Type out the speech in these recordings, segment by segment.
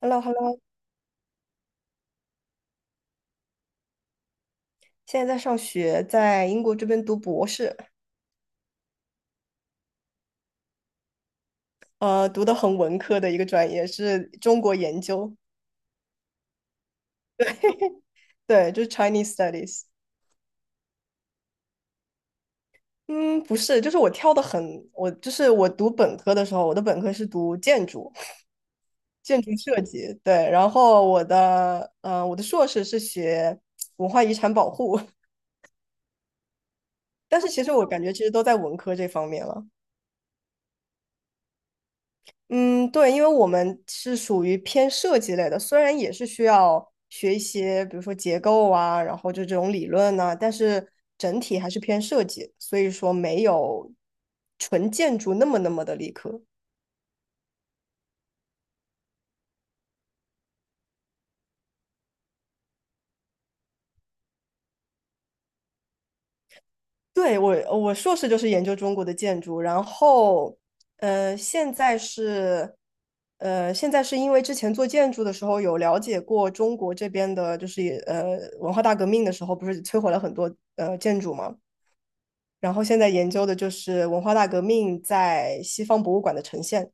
Hello hello。 现在在上学，在英国这边读博士。读的很文科的一个专业是中国研究。对，就是 Chinese Studies。嗯，不是，就是我跳的很，我就是我读本科的时候，我的本科是读建筑。建筑设计，对，然后我的硕士是学文化遗产保护。但是其实我感觉其实都在文科这方面了。嗯，对，因为我们是属于偏设计类的，虽然也是需要学一些，比如说结构啊，然后就这种理论呐、但是整体还是偏设计，所以说没有纯建筑那么那么的理科。对，我，我硕士就是研究中国的建筑，然后，呃，现在是，现在是因为之前做建筑的时候有了解过中国这边的，就是也文化大革命的时候，不是摧毁了很多建筑嘛。然后现在研究的就是文化大革命在西方博物馆的呈现。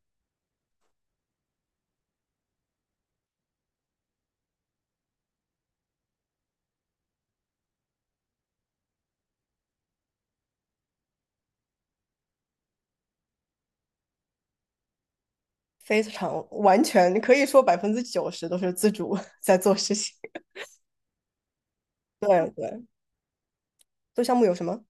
非常完全可以说百分之九十都是自主 在做事情。对对，做项目有什么？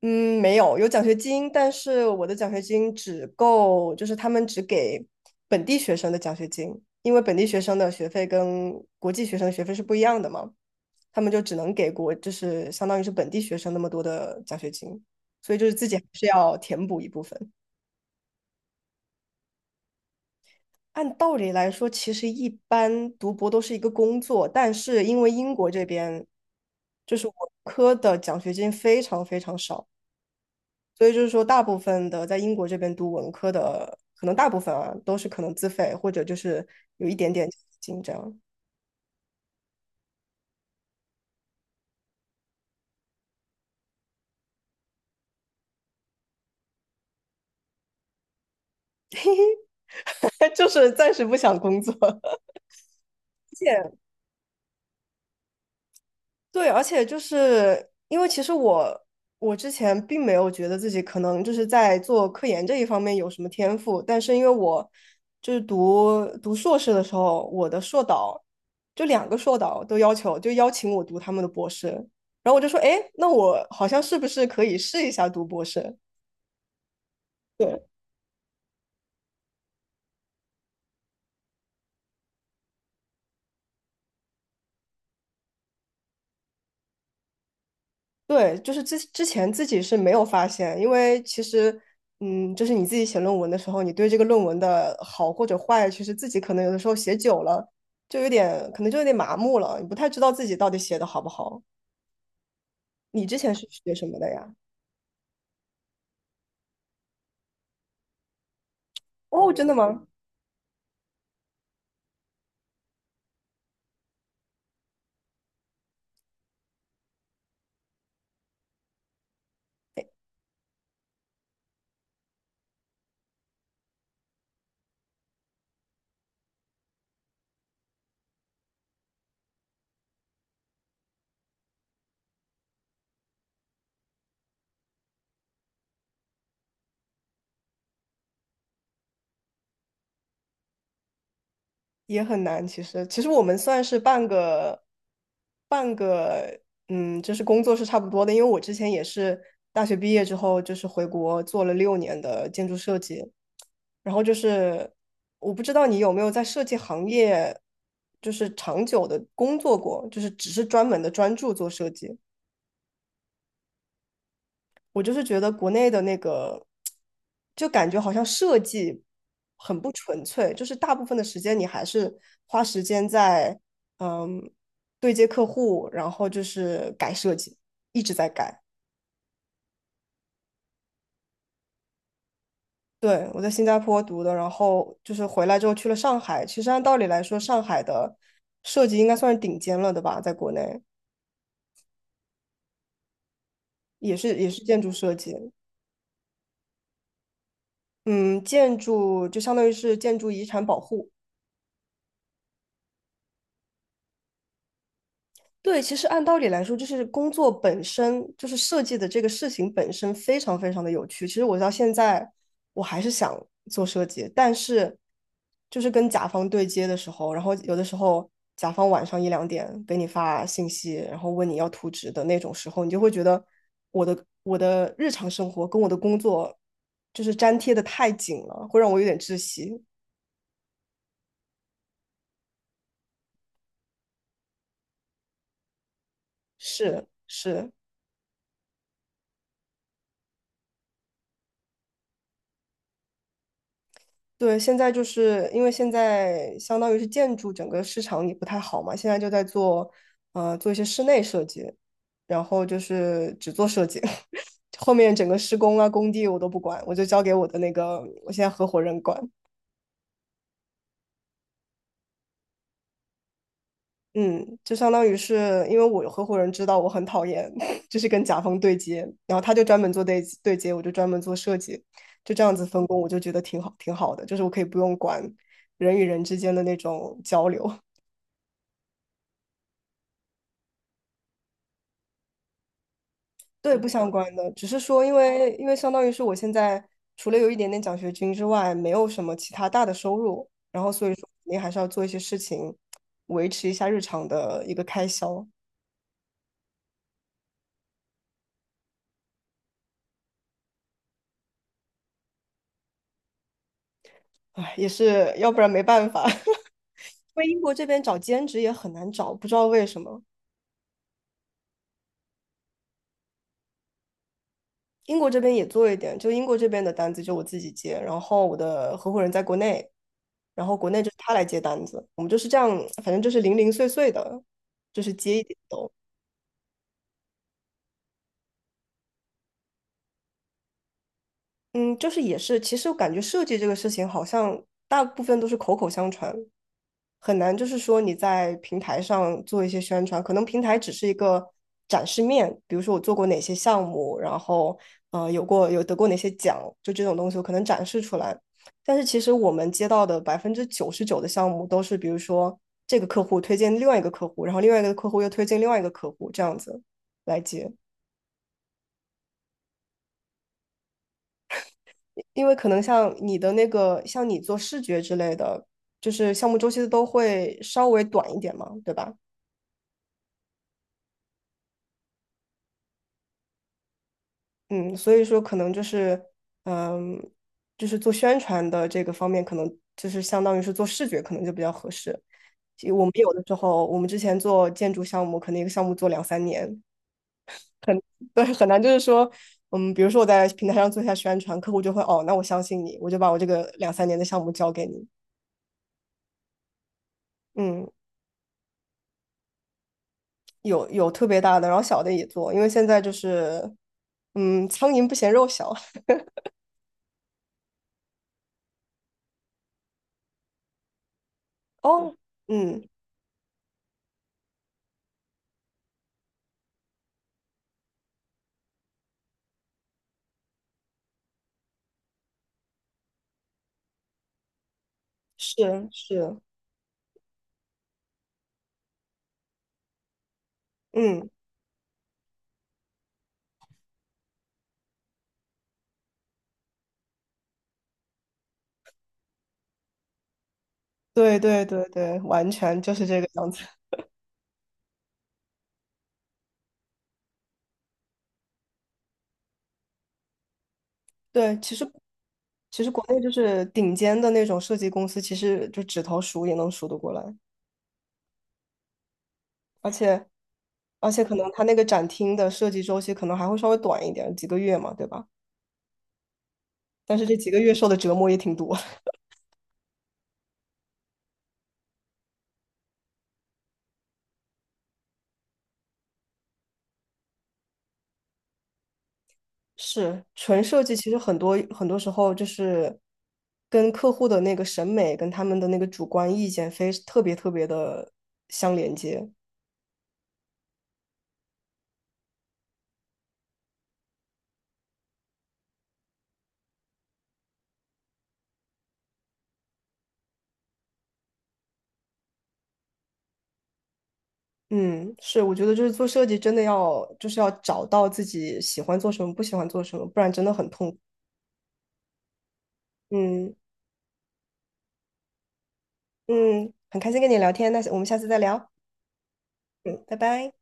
嗯，没有，有奖学金，但是我的奖学金只够，就是他们只给本地学生的奖学金。因为本地学生的学费跟国际学生的学费是不一样的嘛，他们就只能给国，就是相当于是本地学生那么多的奖学金，所以就是自己还是要填补一部分。按道理来说，其实一般读博都是一个工作，但是因为英国这边就是文科的奖学金非常非常少，所以就是说，大部分的在英国这边读文科的，可能大部分啊都是可能自费或者就是有一点点紧张，金这样。 就是暂时不想工作。对，而且就是因为其实我之前并没有觉得自己可能就是在做科研这一方面有什么天赋，但是因为我就是读硕士的时候，我的硕导就两个硕导都要求就邀请我读他们的博士。然后我就说，哎，那我好像是不是可以试一下读博士？对。对，就是之前自己是没有发现。因为其实，嗯，就是你自己写论文的时候，你对这个论文的好或者坏，其实自己可能有的时候写久了，就有点可能就有点麻木了，你不太知道自己到底写的好不好。你之前是学什么的呀？哦，真的吗？也很难。其实，其实我们算是半个，嗯，就是工作是差不多的。因为我之前也是大学毕业之后，就是回国做了6年的建筑设计。然后就是，我不知道你有没有在设计行业，就是长久的工作过，就是只是专门的专注做设计。我就是觉得国内的那个，就感觉好像设计很不纯粹，就是大部分的时间你还是花时间在嗯对接客户，然后就是改设计，一直在改。对，我在新加坡读的，然后就是回来之后去了上海。其实按道理来说，上海的设计应该算是顶尖了的吧，在国内也是建筑设计。嗯，建筑就相当于是建筑遗产保护。对，其实按道理来说，就是工作本身，就是设计的这个事情本身非常非常的有趣。其实我到现在，我还是想做设计，但是就是跟甲方对接的时候，然后有的时候甲方晚上一两点给你发信息，然后问你要图纸的那种时候，你就会觉得我的日常生活跟我的工作就是粘贴的太紧了，会让我有点窒息。是是。对，现在就是因为现在相当于是建筑整个市场也不太好嘛，现在就在做，做一些室内设计，然后就是只做设计。后面整个施工啊、工地我都不管，我就交给我的那个我现在合伙人管。嗯，就相当于是因为我合伙人知道我很讨厌，就是跟甲方对接，然后他就专门做对接，我就专门做设计，就这样子分工，我就觉得挺好，挺好的，就是我可以不用管人与人之间的那种交流。对，不相关的，只是说，因为相当于是我现在除了有一点点奖学金之外，没有什么其他大的收入，然后所以说肯定还是要做一些事情，维持一下日常的一个开销。唉，也是要不然没办法。因为英国这边找兼职也很难找，不知道为什么。英国这边也做一点，就英国这边的单子就我自己接，然后我的合伙人在国内，然后国内就是他来接单子，我们就是这样，反正就是零零碎碎的，就是接一点。嗯，就是也是，其实我感觉设计这个事情好像大部分都是口口相传，很难就是说你在平台上做一些宣传，可能平台只是一个展示面，比如说我做过哪些项目，然后有过有得过哪些奖，就这种东西我可能展示出来。但是其实我们接到的99%的项目都是，比如说这个客户推荐另外一个客户，然后另外一个客户又推荐另外一个客户，这样子来接。因为可能像你的那个，像你做视觉之类的，就是项目周期都会稍微短一点嘛，对吧？嗯，所以说可能就是，嗯，就是做宣传的这个方面，可能就是相当于是做视觉，可能就比较合适。其实我们有的时候，我们之前做建筑项目，可能一个项目做两三年。对，很难就是说，嗯，比如说我在平台上做一下宣传，客户就会哦，那我相信你，我就把我这个两三年的项目交给你。嗯。有有特别大的，然后小的也做，因为现在就是，嗯，苍蝇不嫌肉小。哦，嗯，是是，嗯，对对对对，完全就是这个样子。对，其实国内就是顶尖的那种设计公司，其实就指头数也能数得过来，而且而且可能他那个展厅的设计周期可能还会稍微短一点，几个月嘛，对吧？但是这几个月受的折磨也挺多。是纯设计，其实很多很多时候就是跟客户的那个审美跟他们的那个主观意见非特别特别的相连接。嗯，是，我觉得就是做设计真的要就是要找到自己喜欢做什么，不喜欢做什么，不然真的很痛苦。嗯嗯，很开心跟你聊天，那我们下次再聊。嗯，拜拜。